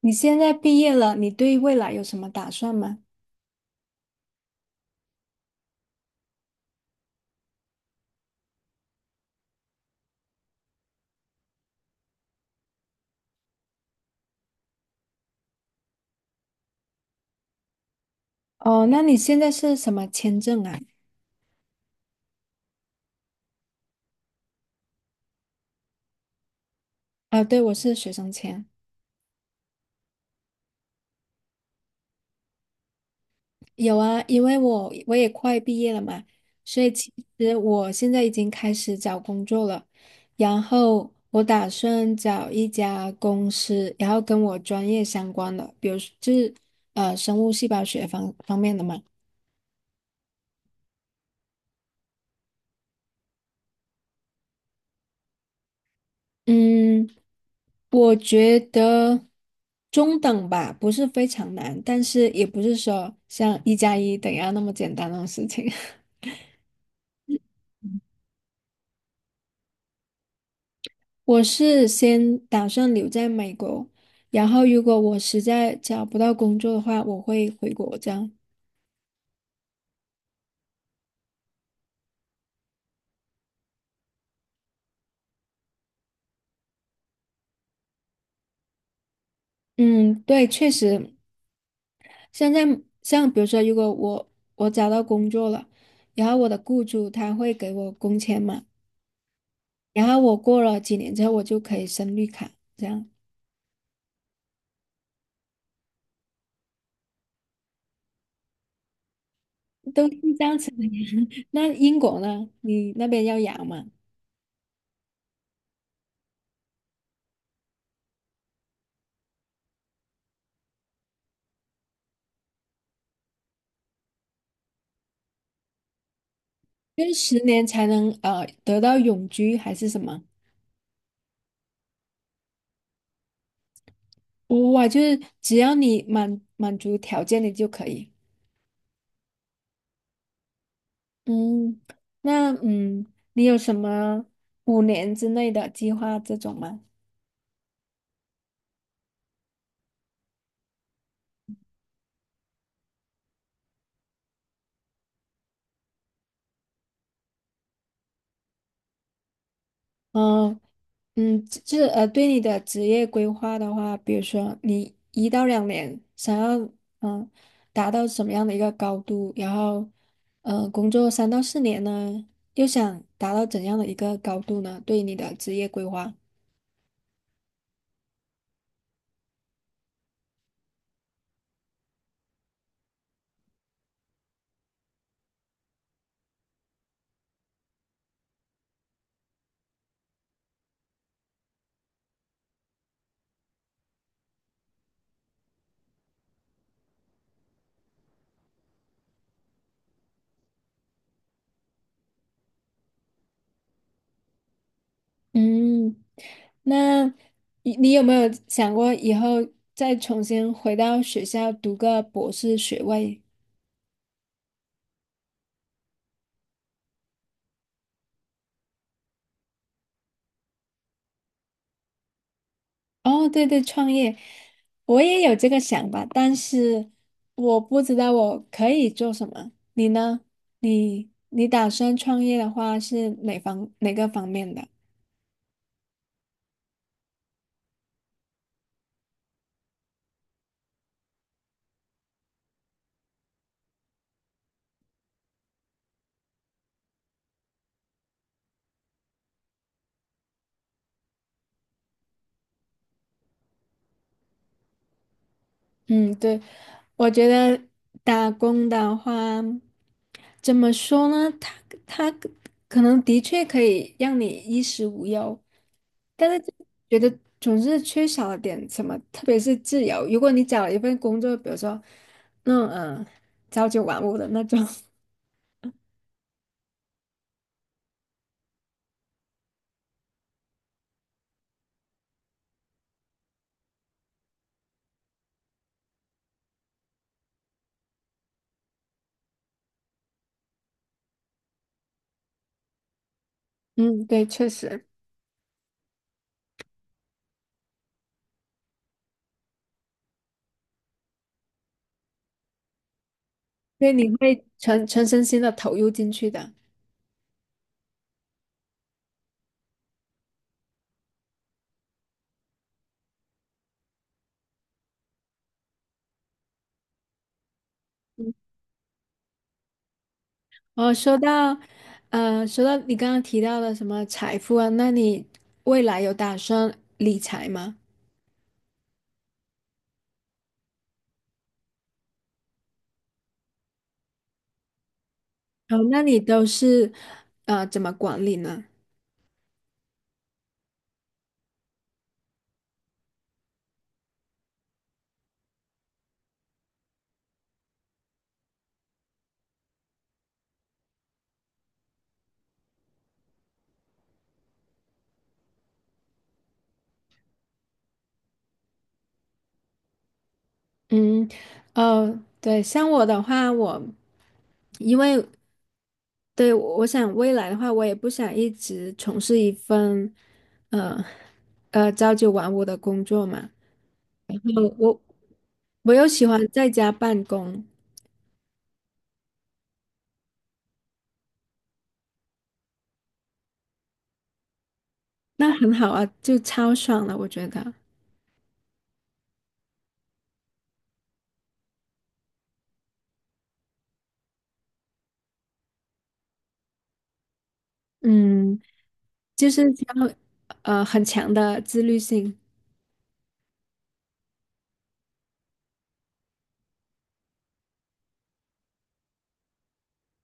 你现在毕业了，你对未来有什么打算吗？哦，那你现在是什么签证啊？啊，对，我是学生签。有啊，因为我也快毕业了嘛，所以其实我现在已经开始找工作了。然后我打算找一家公司，然后跟我专业相关的，比如是生物细胞学方方面的嘛。嗯，我觉得中等吧，不是非常难，但是也不是说像一加一等于二那么简单的事情。我是先打算留在美国，然后如果我实在找不到工作的话，我会回国这样。嗯，对，确实，现在像比如说，如果我找到工作了，然后我的雇主他会给我工钱嘛，然后我过了几年之后，我就可以申绿卡这样。都是这样子的呀。那英国呢？你那边要养吗？就是10年才能得到永居还是什么？哇，就是只要你满满足条件你就可以。嗯，那嗯，你有什么5年之内的计划这种吗？嗯、就是对你的职业规划的话，比如说你1到2年想要嗯达到什么样的一个高度，然后工作3到4年呢，又想达到怎样的一个高度呢？对你的职业规划，嗯，那你有没有想过以后再重新回到学校读个博士学位？哦，对对，创业，我也有这个想法，但是我不知道我可以做什么。你呢？你打算创业的话是哪个方面的？嗯，对，我觉得打工的话，怎么说呢？他可能的确可以让你衣食无忧，但是就觉得总是缺少了点什么，特别是自由。如果你找了一份工作，比如说那种朝九晚五的那种，嗯，对，确实，对，你会全身心的投入进去的。哦，说到，说到你刚刚提到的什么财富啊，那你未来有打算理财吗？哦，那你都是怎么管理呢？嗯，哦，对，像我的话，我因为对我想未来的话，我也不想一直从事一份呃朝九晚五的工作嘛，然后我又喜欢在家办公，那很好啊，就超爽了，我觉得，嗯。就是要很强的自律性。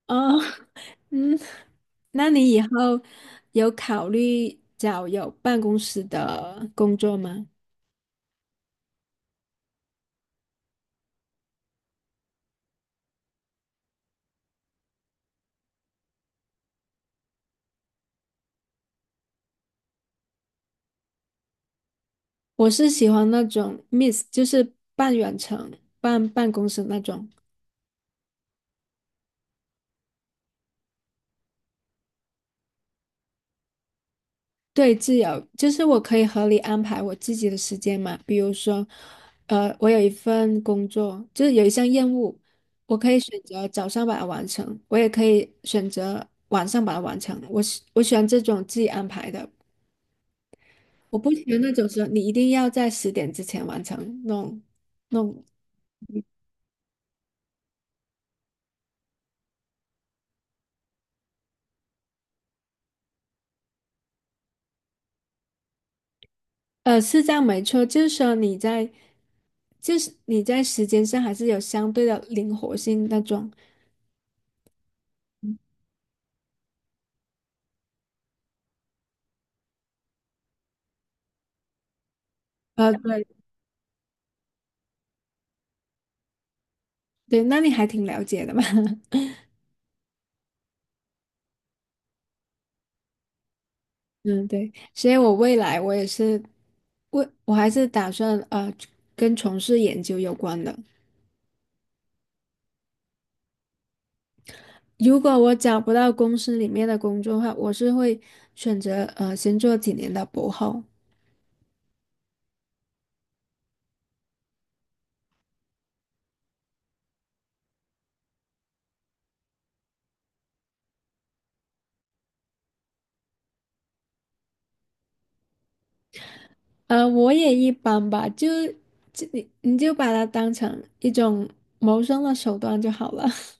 哦，嗯，那你以后有考虑找有办公室的工作吗？我是喜欢那种 m i s s 就是半远程、半办公室那种。对，自由就是我可以合理安排我自己的时间嘛。比如说，我有一份工作，就是有一项任务，我可以选择早上把它完成，我也可以选择晚上把它完成。我喜欢这种自己安排的，我不喜欢那种说你一定要在10点之前完成那种。是这样没错，就是说你在，就是你在时间上还是有相对的灵活性那种。对对，那你还挺了解的嘛。嗯，对，所以我未来我也是，我还是打算跟从事研究有关的。如果我找不到公司里面的工作的话，我是会选择先做几年的博后。我也一般吧，就你就把它当成一种谋生的手段就好了。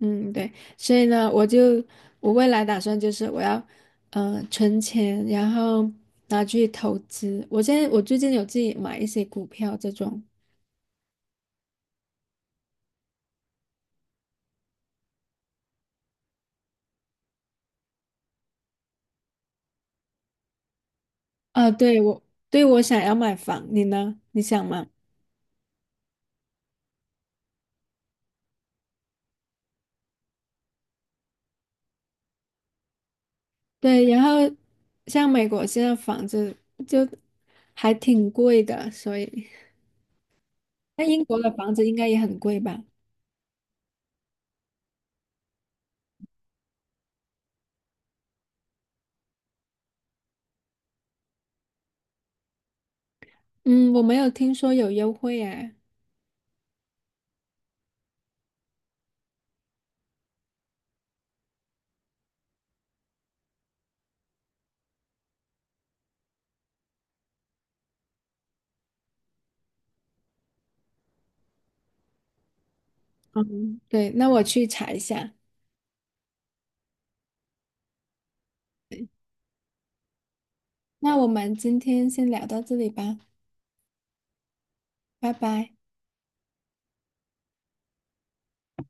嗯，对，所以呢，我就我未来打算就是我要，存钱，然后拿去投资。我现在我最近有自己买一些股票这种。啊，对，我想要买房，你呢？你想吗？对，然后像美国现在房子就还挺贵的，所以那英国的房子应该也很贵吧？嗯，我没有听说有优惠哎。嗯，对，那我去查一下。那我们今天先聊到这里吧，拜拜。